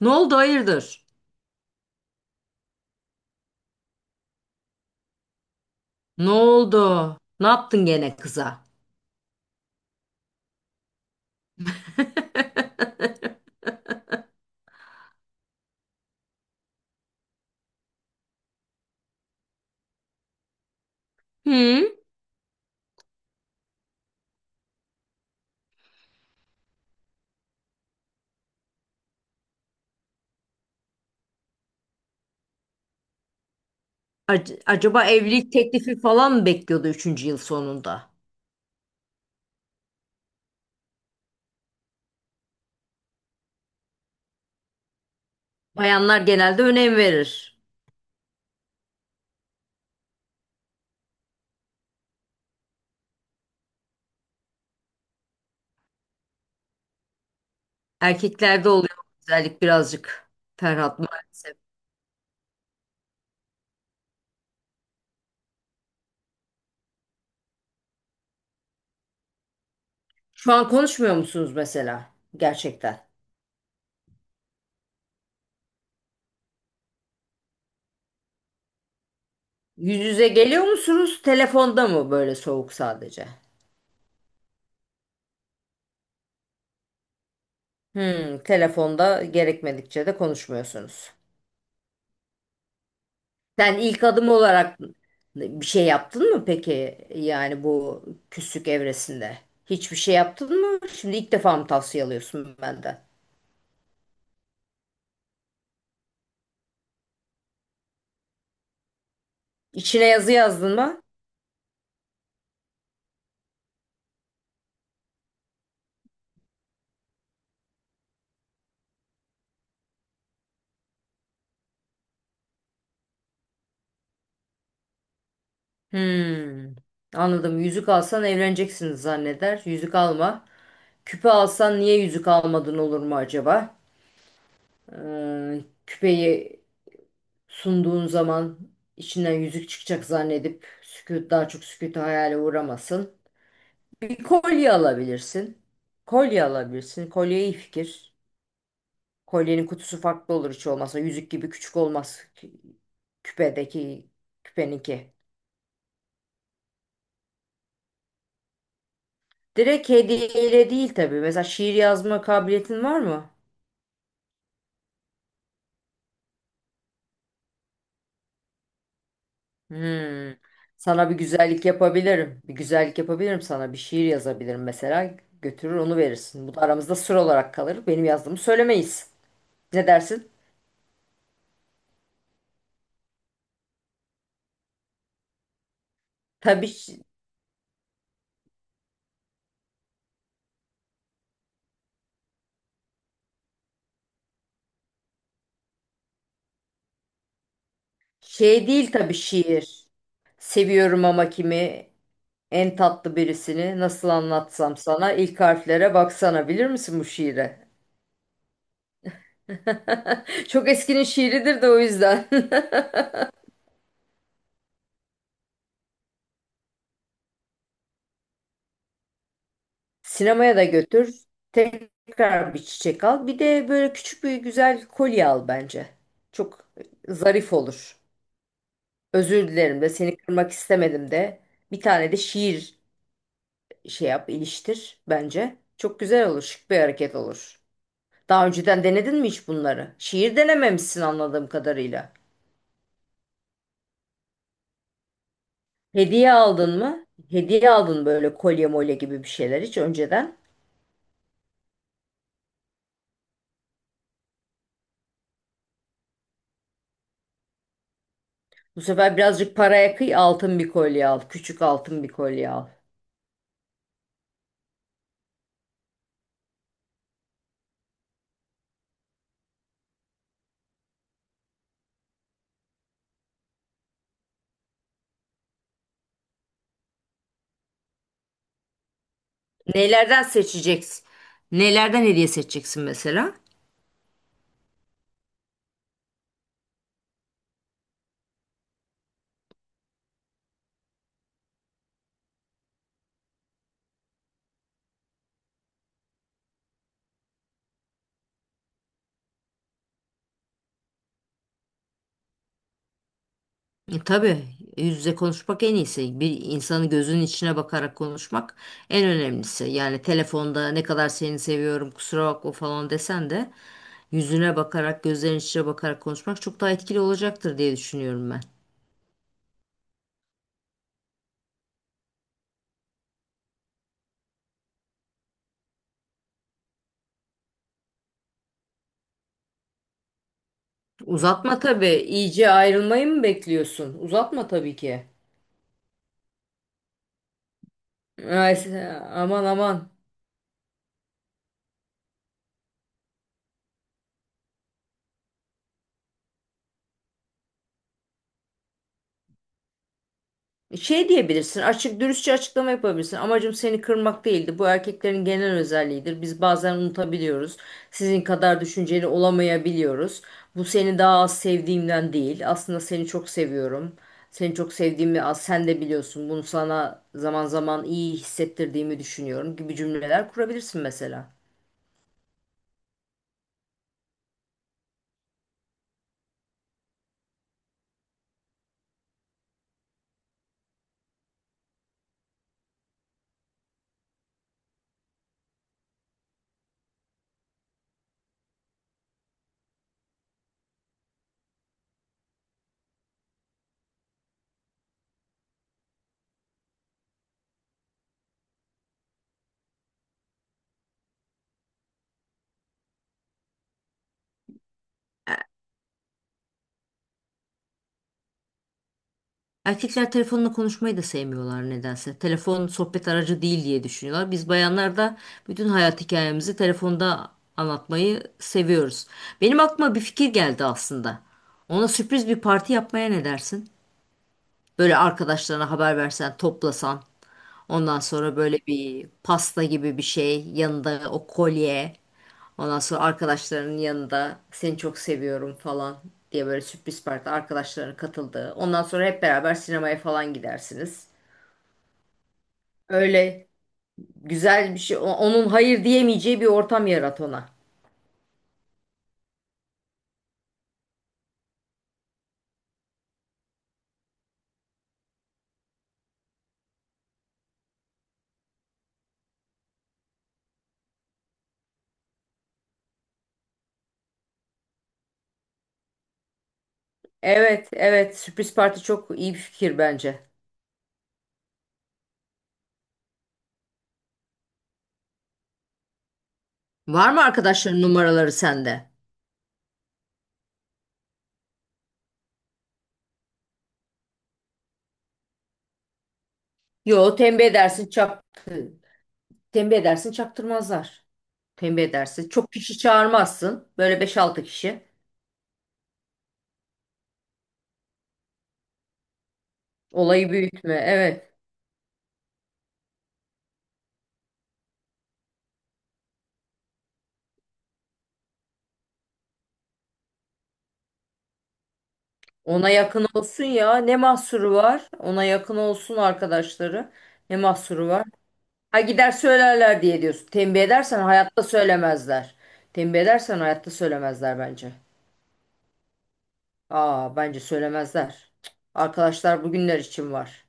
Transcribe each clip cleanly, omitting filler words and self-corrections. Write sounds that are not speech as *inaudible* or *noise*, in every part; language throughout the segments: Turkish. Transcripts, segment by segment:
Ne oldu hayırdır? Ne oldu? Ne yaptın gene kıza? *laughs* Hı? Acaba evlilik teklifi falan mı bekliyordu üçüncü yıl sonunda? Bayanlar genelde önem verir. Erkeklerde oluyor bu güzellik birazcık Ferhat maalesef. Şu an konuşmuyor musunuz mesela? Gerçekten. Yüz yüze geliyor musunuz? Telefonda mı böyle soğuk sadece? Hmm, telefonda gerekmedikçe de konuşmuyorsunuz. Sen ilk adım olarak bir şey yaptın mı peki? Yani bu küslük evresinde. Hiçbir şey yaptın mı? Şimdi ilk defa mı tavsiye alıyorsun benden? İçine yazı yazdın mı? Hmm. Anladım. Yüzük alsan evleneceksiniz zanneder. Yüzük alma. Küpe alsan niye yüzük almadın olur mu acaba? Küpeyi sunduğun zaman içinden yüzük çıkacak zannedip sükût daha çok sükûtu hayale uğramasın. Bir kolye alabilirsin. Kolye alabilirsin. Kolye iyi fikir. Kolyenin kutusu farklı olur hiç olmazsa. Yüzük gibi küçük olmaz küpedeki küpeninki. Direkt hediyeyle değil tabii. Mesela şiir yazma kabiliyetin var mı? Hmm. Sana bir güzellik yapabilirim. Bir güzellik yapabilirim sana. Bir şiir yazabilirim mesela. Götürür onu verirsin. Bu da aramızda sır olarak kalır. Benim yazdığımı söylemeyiz. Ne dersin? Tabii ş- Şey değil tabii şiir. Seviyorum ama kimi en tatlı birisini nasıl anlatsam sana ilk harflere baksana bilir misin bu şiiri? *laughs* Çok eskinin şiiridir de o yüzden. *laughs* Sinemaya da götür. Tekrar bir çiçek al. Bir de böyle küçük bir güzel kolye al bence. Çok zarif olur. Özür dilerim de seni kırmak istemedim de. Bir tane de şiir şey yap, iliştir bence. Çok güzel olur, şık bir hareket olur. Daha önceden denedin mi hiç bunları? Şiir denememişsin anladığım kadarıyla. Hediye aldın mı? Hediye aldın böyle kolye molye gibi bir şeyler hiç önceden. Bu sefer birazcık paraya kıy altın bir kolye al. Küçük altın bir kolye al. Nelerden seçeceksin? Nelerden hediye seçeceksin mesela? Tabii yüz yüze konuşmak en iyisi. Bir insanın gözünün içine bakarak konuşmak en önemlisi. Yani telefonda ne kadar seni seviyorum kusura bakma falan desen de yüzüne bakarak gözlerinin içine bakarak konuşmak çok daha etkili olacaktır diye düşünüyorum ben. Uzatma tabii. İyice ayrılmayı mı bekliyorsun? Uzatma tabii ki. Ay, aman aman. Şey diyebilirsin, açık dürüstçe açıklama yapabilirsin. Amacım seni kırmak değildi. Bu erkeklerin genel özelliğidir. Biz bazen unutabiliyoruz. Sizin kadar düşünceli olamayabiliyoruz. Bu seni daha az sevdiğimden değil. Aslında seni çok seviyorum. Seni çok sevdiğimi az sen de biliyorsun. Bunu sana zaman zaman iyi hissettirdiğimi düşünüyorum gibi cümleler kurabilirsin mesela. Erkekler telefonla konuşmayı da sevmiyorlar nedense. Telefon sohbet aracı değil diye düşünüyorlar. Biz bayanlar da bütün hayat hikayemizi telefonda anlatmayı seviyoruz. Benim aklıma bir fikir geldi aslında. Ona sürpriz bir parti yapmaya ne dersin? Böyle arkadaşlarına haber versen, toplasan. Ondan sonra böyle bir pasta gibi bir şey, yanında o kolye. Ondan sonra arkadaşlarının yanında seni çok seviyorum falan diye böyle sürpriz parti arkadaşlarının katıldığı. Ondan sonra hep beraber sinemaya falan gidersiniz. Öyle güzel bir şey. Onun hayır diyemeyeceği bir ortam yarat ona. Evet, evet. Sürpriz parti çok iyi bir fikir bence. Var mı arkadaşların numaraları sende? Yo, tembih edersin çap. Tembih edersin çaktırmazlar. Tembih edersin. Çok kişi çağırmazsın. Böyle beş altı kişi. Olayı büyütme. Evet. Ona yakın olsun ya. Ne mahsuru var? Ona yakın olsun arkadaşları. Ne mahsuru var? Ha gider söylerler diye diyorsun. Tembih edersen hayatta söylemezler. Tembih edersen hayatta söylemezler bence. Aa bence söylemezler. Arkadaşlar bugünler için var.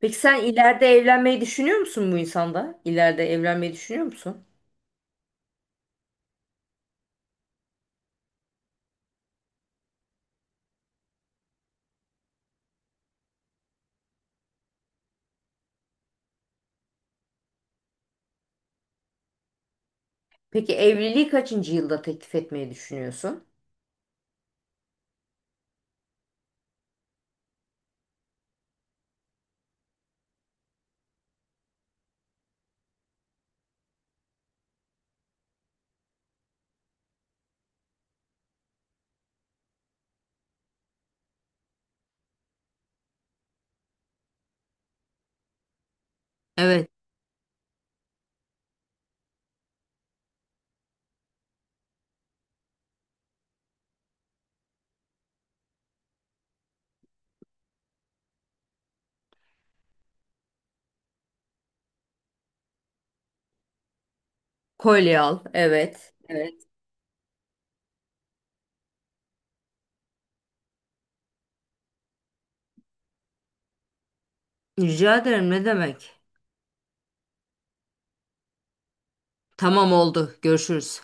Peki sen ileride evlenmeyi düşünüyor musun bu insanda? İleride evlenmeyi düşünüyor musun? Peki evliliği kaçıncı yılda teklif etmeyi düşünüyorsun? Evet. Kolye al. Evet. Evet. Rica ederim ne demek? Tamam oldu. Görüşürüz.